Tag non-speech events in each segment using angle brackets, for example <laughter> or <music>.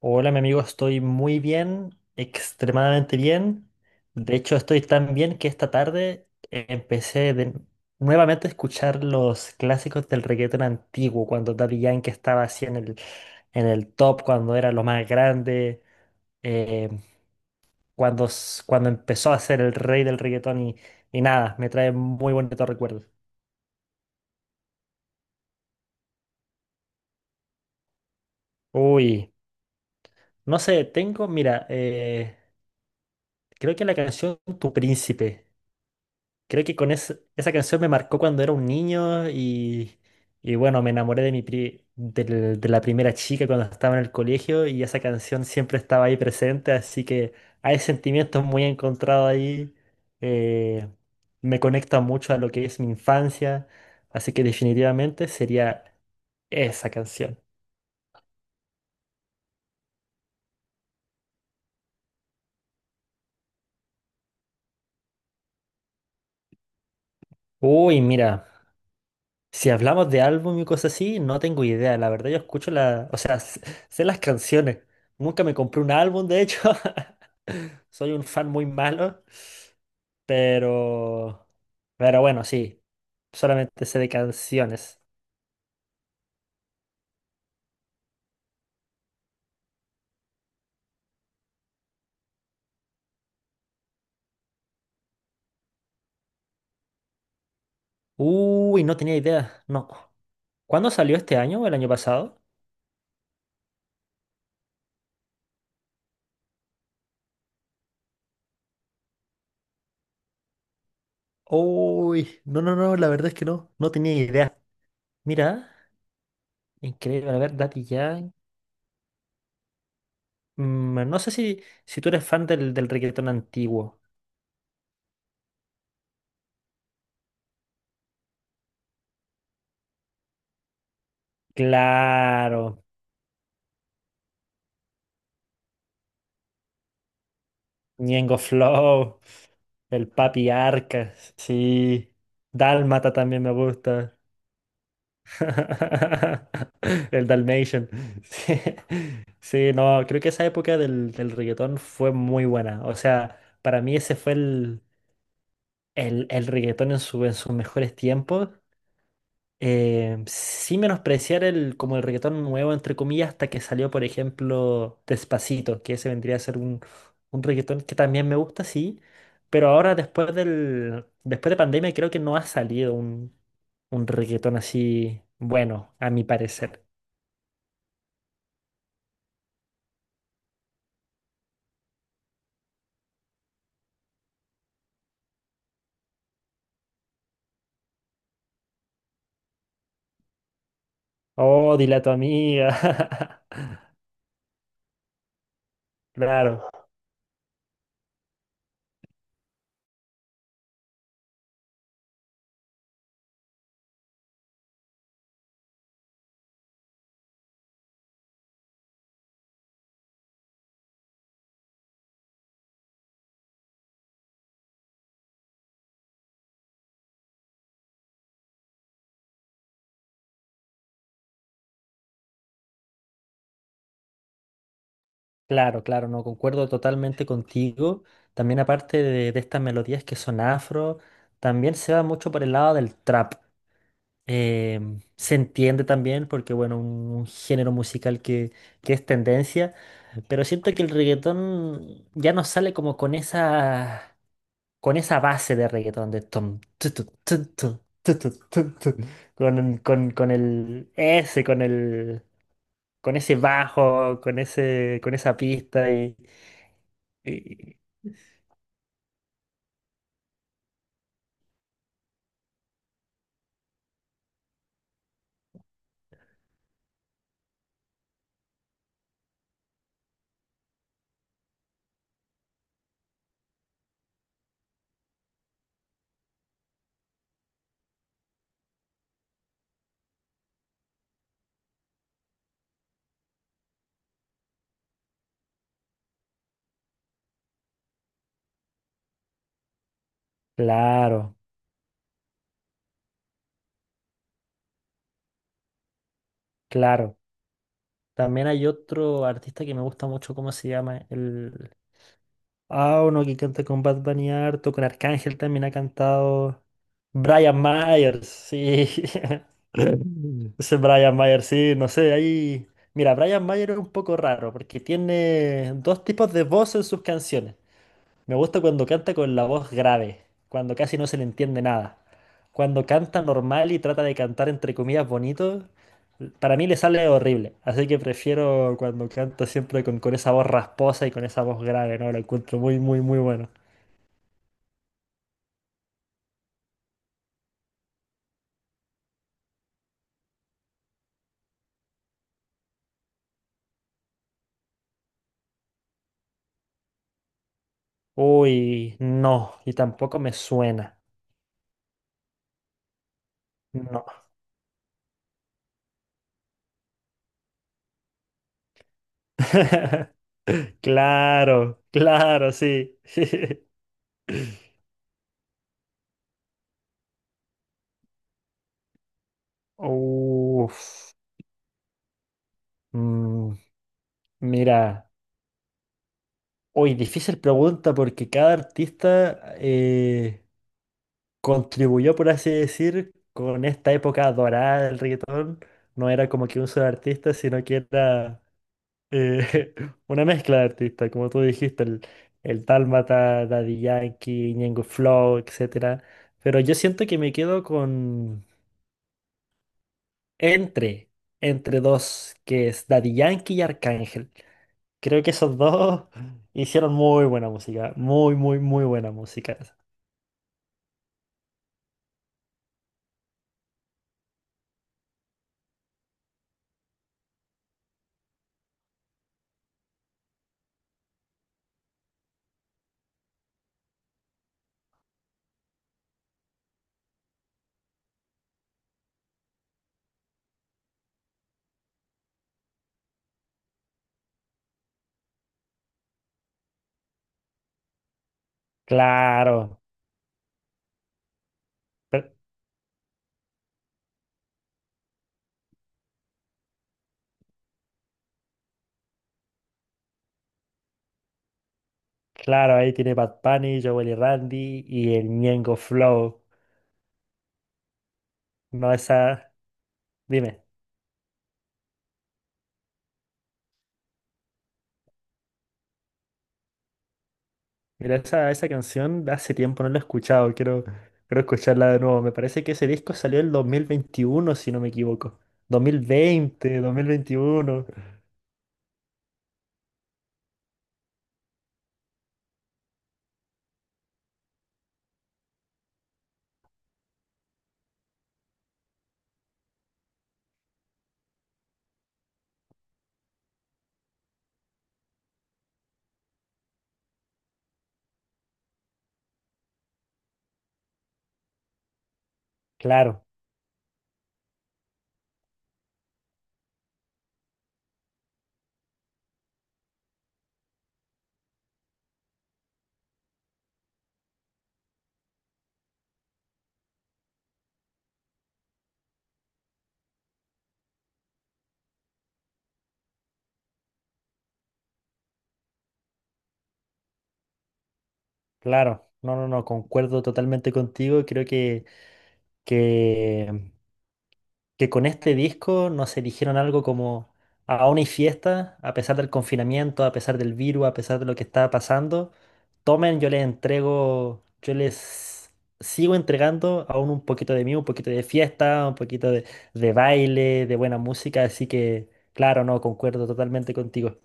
Hola, mi amigo, estoy muy bien, extremadamente bien. De hecho, estoy tan bien que esta tarde eh, empecé de- nuevamente a escuchar los clásicos del reggaetón antiguo, cuando Daddy Yankee estaba así en el top, cuando era lo más grande, eh, cuando empezó a ser el rey del reggaetón y nada, me trae muy bonitos recuerdos. Uy, no sé, tengo, mira, creo que la canción Tu Príncipe. Creo que esa canción me marcó cuando era un niño y bueno, me enamoré de la primera chica cuando estaba en el colegio y esa canción siempre estaba ahí presente, así que hay sentimientos muy encontrados ahí. eh, Me conecta mucho a lo que es mi infancia, así que definitivamente sería esa canción. Uy, mira. Si hablamos de álbum y cosas así, no tengo idea. La verdad, yo o sea, sé las canciones. Nunca me compré un álbum, de hecho. <laughs> Soy un fan muy malo, pero, pero bueno, sí. Solamente sé de canciones. Uy, no tenía idea. No. ¿Cuándo salió este año o el año pasado? Uy, no, no, no, la verdad es que no, no tenía idea. Mira, increíble. A ver, Daddy Yankee. Mm, no sé si tú eres fan del reggaetón antiguo. Claro, Ñengo Flow, el Papi Arca, sí. Dálmata también me gusta. <laughs> El Dalmatian. Sí. Sí, no, creo que esa época del reggaetón fue muy buena. O sea, para mí ese fue el reggaetón en sus mejores tiempos. Sin menospreciar el, como el reggaetón nuevo, entre comillas, hasta que salió, por ejemplo, Despacito, que ese vendría a ser un reggaetón que también me gusta, sí, pero ahora después de pandemia creo que no ha salido un reggaetón así bueno, a mi parecer. Oh, dile a tu amiga. <laughs> Claro, claro, claro, no concuerdo totalmente contigo. También aparte de estas melodías que son afro, también se va mucho por el lado del trap. Eh, Se entiende también porque, bueno, un género musical que es tendencia, pero siento que el reggaetón ya no sale como con esa base de reggaetón de tom, tu, con el ese, con ese bajo, con ese, con esa pista y- claro, claro. También hay otro artista que me gusta mucho, ¿cómo se llama? Ah, uno que canta con Bad Bunny harto, con Arcángel también ha cantado. Brian Myers, sí. <laughs> Ese Brian Myers, sí, no sé, ahí. Mira, Brian Myers es un poco raro porque tiene dos tipos de voz en sus canciones. Me gusta cuando canta con la voz grave, cuando casi no se le entiende nada. Cuando canta normal y trata de cantar entre comillas bonito, para mí le sale horrible. Así que prefiero cuando canta siempre con esa voz rasposa y con esa voz grave, ¿no? Lo encuentro muy, muy, muy bueno. Uy, no, y tampoco me suena. No. <laughs> Claro, claro, sí. <laughs> Uf. Mm, mira, hoy difícil pregunta porque cada artista contribuyó, por así decir, con esta época dorada del reggaetón. No era como que un solo artista, sino que era. Eh, <laughs> una mezcla de artistas, como tú dijiste, el Dálmata, Daddy Yankee, Ñengo Flow, etcétera. Pero yo siento que me quedo con entre, entre dos, que es Daddy Yankee y Arcángel. Creo que esos dos <laughs> hicieron muy buena música, muy, muy, muy buena música. Claro, per- claro, ahí tiene Bad Bunny, Jowell y Randy y el Ñengo Flow. No, esa, dime. Mira, esa canción de hace tiempo no la he escuchado, quiero escucharla de nuevo. Me parece que ese disco salió en 2021 si no me equivoco. 2020, 2021. Claro, claro. No, no, no, concuerdo totalmente contigo. Creo que que con este disco nos eligieron algo como aún hay fiesta, a pesar del confinamiento, a pesar del virus, a pesar de lo que está pasando. Tomen, yo les entrego, yo les sigo entregando aún un poquito de mí, un poquito de fiesta, un poquito de baile, de buena música, así que claro, no, concuerdo totalmente contigo.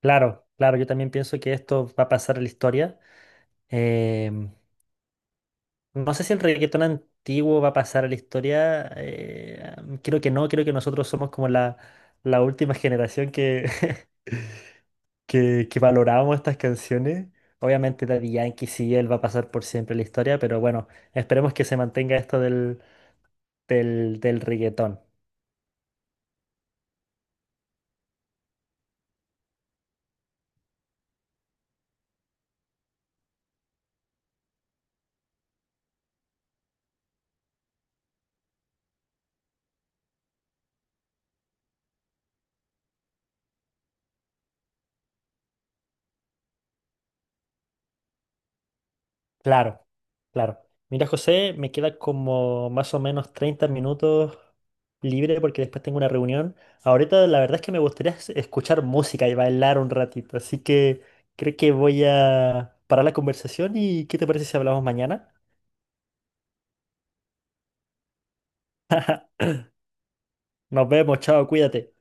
Claro, claro, yo también pienso que esto va a pasar a la historia. Em, no sé si el reggaetón antiguo va a pasar a la historia. Creo que no, creo que nosotros somos como la última generación que, <laughs> que valoramos estas canciones. Obviamente Daddy Yankee sí, él va a pasar por siempre a la historia, pero bueno, esperemos que se mantenga esto del reggaetón. Claro, claro. Mira, José, me queda como más o menos 30 minutos libre porque después tengo una reunión. Ahorita la verdad es que me gustaría escuchar música y bailar un ratito, así que creo que voy a parar la conversación y ¿qué te parece si hablamos mañana? Nos vemos, chao, cuídate.